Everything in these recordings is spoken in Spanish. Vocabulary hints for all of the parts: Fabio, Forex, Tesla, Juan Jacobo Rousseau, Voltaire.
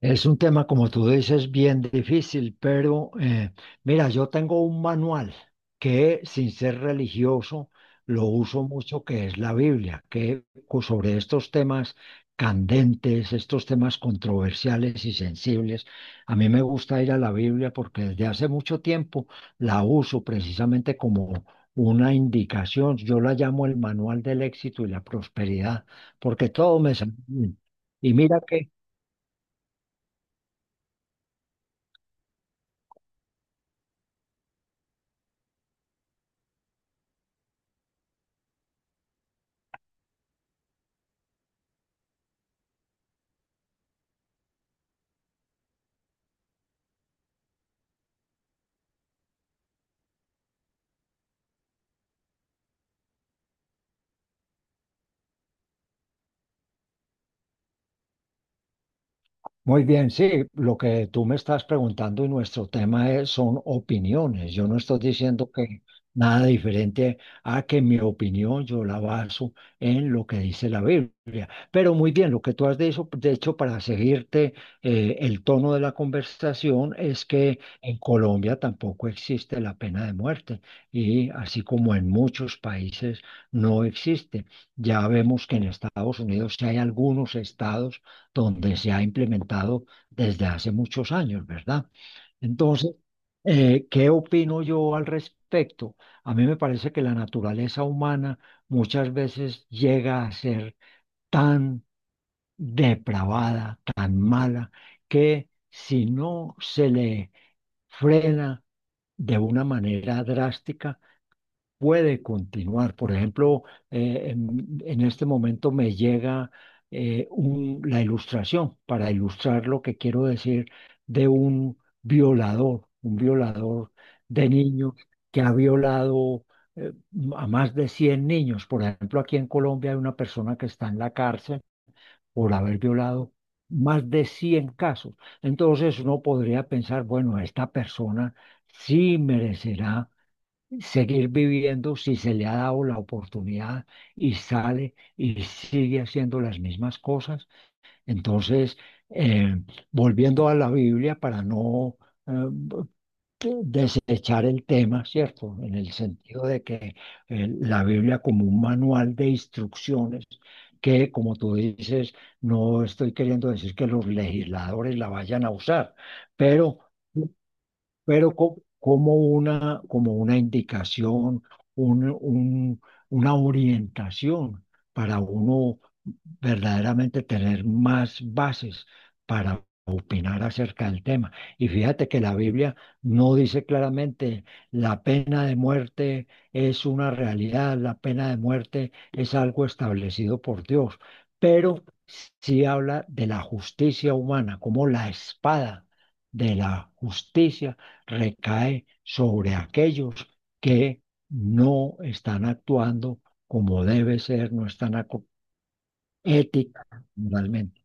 Es un tema, como tú dices, bien difícil, pero mira, yo tengo un manual que, sin ser religioso, lo uso mucho, que es la Biblia, sobre estos temas candentes, estos temas controversiales y sensibles, a mí me gusta ir a la Biblia porque desde hace mucho tiempo la uso precisamente como una indicación. Yo la llamo el manual del éxito y la prosperidad, porque todo sale bien. Y mira que... Muy bien, sí, lo que tú me estás preguntando y nuestro tema son opiniones. Yo no estoy diciendo que nada diferente a que mi opinión yo la baso en lo que dice la Biblia. Pero muy bien, lo que tú has dicho, de hecho, para seguirte el tono de la conversación es que en Colombia tampoco existe la pena de muerte y así como en muchos países no existe. Ya vemos que en Estados Unidos sí hay algunos estados donde se ha implementado desde hace muchos años, ¿verdad? Entonces, ¿qué opino yo al respecto? A mí me parece que la naturaleza humana muchas veces llega a ser tan depravada, tan mala, que si no se le frena de una manera drástica, puede continuar. Por ejemplo, en este momento me llega la ilustración para ilustrar lo que quiero decir de un violador de niños que ha violado eh, a más de 100 niños. Por ejemplo, aquí en Colombia hay una persona que está en la cárcel por haber violado. Más de 100 casos. Entonces uno podría pensar, bueno, esta persona sí merecerá seguir viviendo si se le ha dado la oportunidad y sale y sigue haciendo las mismas cosas. Entonces, eh, volviendo a la Biblia para no eh, de- desechar el tema, ¿cierto? En el sentido de que la Biblia como un manual de instrucciones. Que como tú dices, no estoy queriendo decir que los legisladores la vayan a usar, pero como una indicación, un- un- una orientación para uno verdaderamente tener más bases para opinar acerca del tema. Y fíjate que la Biblia no dice claramente la pena de muerte es una realidad, la pena de muerte es algo establecido por Dios, pero sí habla de la justicia humana, como la espada de la justicia recae sobre aquellos que no están actuando como debe ser, no están acu- Ética, realmente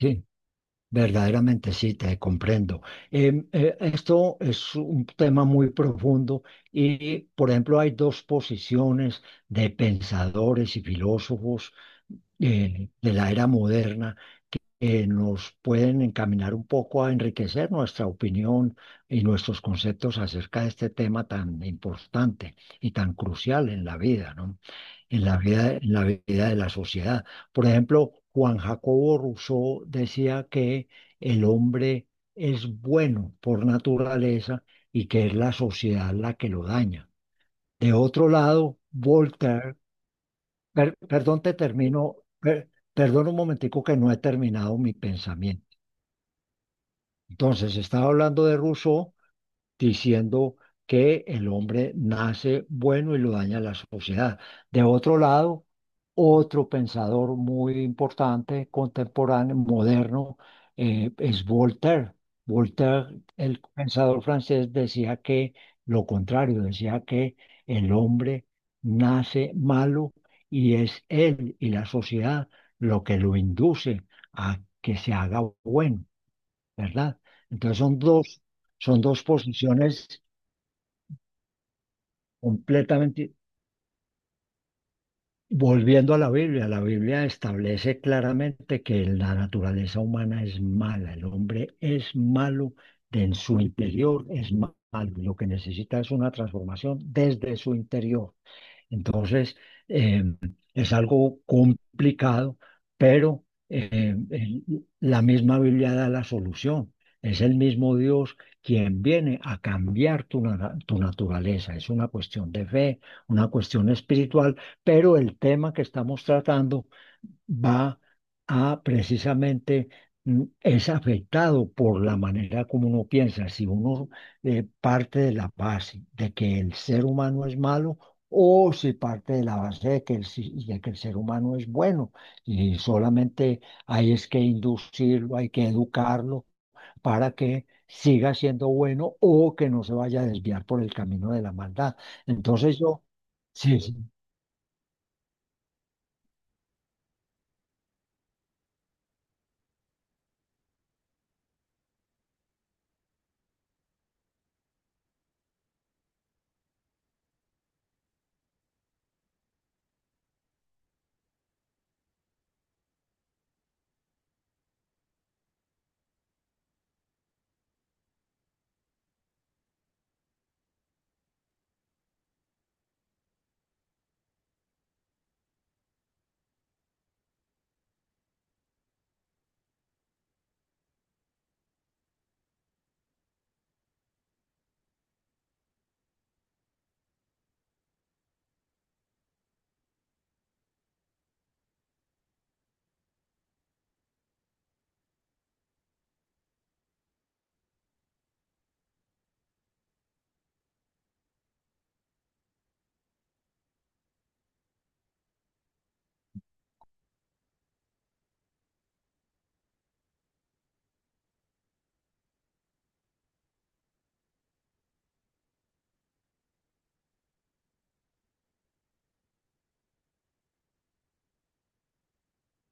sí, verdaderamente sí, te comprendo. Esto es un tema muy profundo y, por ejemplo, hay dos posiciones de pensadores y filósofos de la era moderna que nos pueden encaminar un poco a enriquecer nuestra opinión y nuestros conceptos acerca de este tema tan importante y tan crucial en la vida, ¿no? En la vida, en la vida de la sociedad. Por ejemplo, Juan Jacobo Rousseau decía que el hombre es bueno por naturaleza y que es la sociedad la que lo daña. De otro lado, Voltaire, perdón, te termino, perdón un momentico que no he terminado mi pensamiento. Entonces, estaba hablando de Rousseau diciendo que el hombre nace bueno y lo daña la sociedad. De otro lado, otro pensador muy importante, contemporáneo, moderno, es Voltaire. Voltaire, el pensador francés, decía que lo contrario, decía que el hombre nace malo y es él y la sociedad lo que lo induce a que se haga bueno. ¿Verdad? Entonces son dos posiciones completamente, volviendo a la Biblia establece claramente que la naturaleza humana es mala, el hombre es malo, de en su interior es malo, y lo que necesita es una transformación desde su interior. Entonces, eh, es algo complicado, pero eh, el- la misma Biblia da la solución. Es el mismo Dios quien viene a cambiar tu naturaleza. Es una cuestión de fe, una cuestión espiritual, pero el tema que estamos tratando va a precisamente es afectado por la manera como uno piensa, si uno parte de la base de que el ser humano es malo o si parte de la base de que el, si- de que el ser humano es bueno y solamente hay es que inducirlo, hay que educarlo para que siga siendo bueno o que no se vaya a desviar por el camino de la maldad. Entonces yo, sí, sí.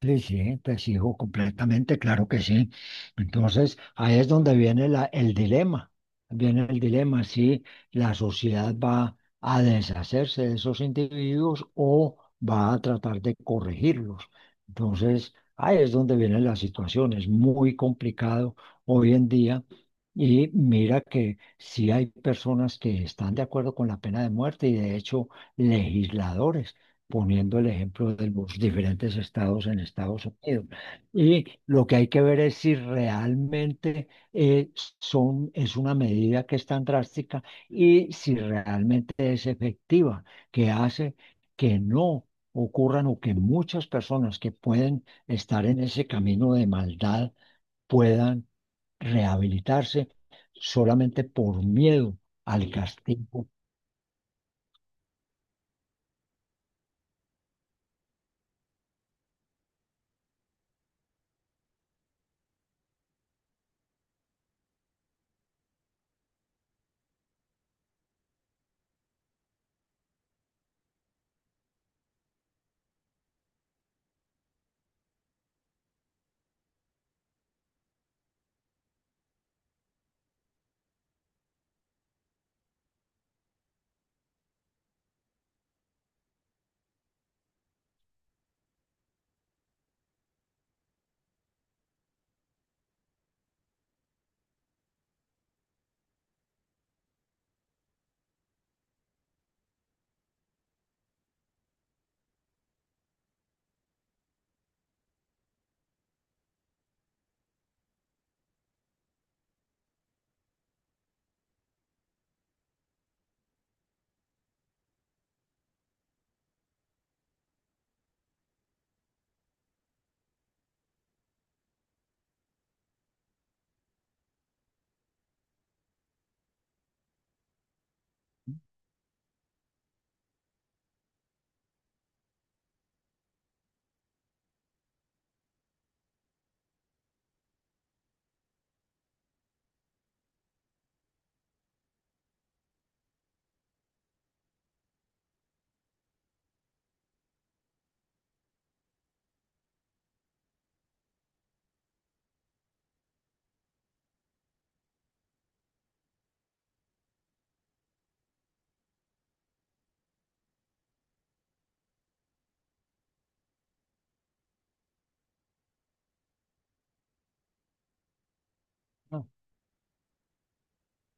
Sí, sí, te sigo completamente, claro que sí. Entonces, ahí es donde viene el dilema, viene el dilema si la sociedad va a deshacerse de esos individuos o va a tratar de corregirlos. Entonces, ahí es donde viene la situación, es muy complicado hoy en día y mira que sí hay personas que están de acuerdo con la pena de muerte y de hecho legisladores poniendo el ejemplo de los diferentes estados en Estados Unidos. Y lo que hay que ver es si realmente eh, es una medida que es tan drástica y si realmente es efectiva, que hace que no ocurran o que muchas personas que pueden estar en ese camino de maldad puedan rehabilitarse solamente por miedo al castigo.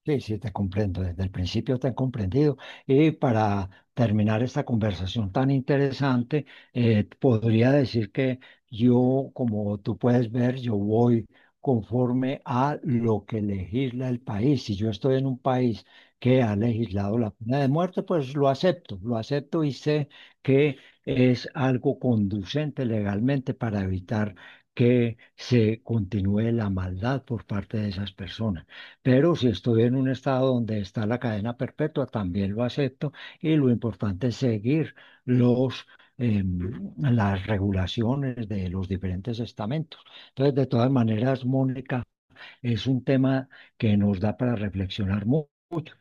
Sí, sí, te comprendo, desde el principio te he comprendido. Y para terminar esta conversación tan interesante, podría decir que yo, como tú puedes ver, yo voy conforme a lo que legisla el país. Si yo estoy en un país que ha legislado la pena de muerte, pues lo acepto y sé que es algo conducente legalmente para evitar que se continúe la maldad por parte de esas personas. Pero si estoy en un estado donde está la cadena perpetua, también lo acepto y lo importante es seguir los, las regulaciones de los diferentes estamentos. Entonces, de todas maneras, Mónica, es un tema que nos da para reflexionar mucho.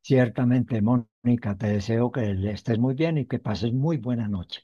Ciertamente, Mónica, te deseo que estés muy bien y que pases muy buena noche.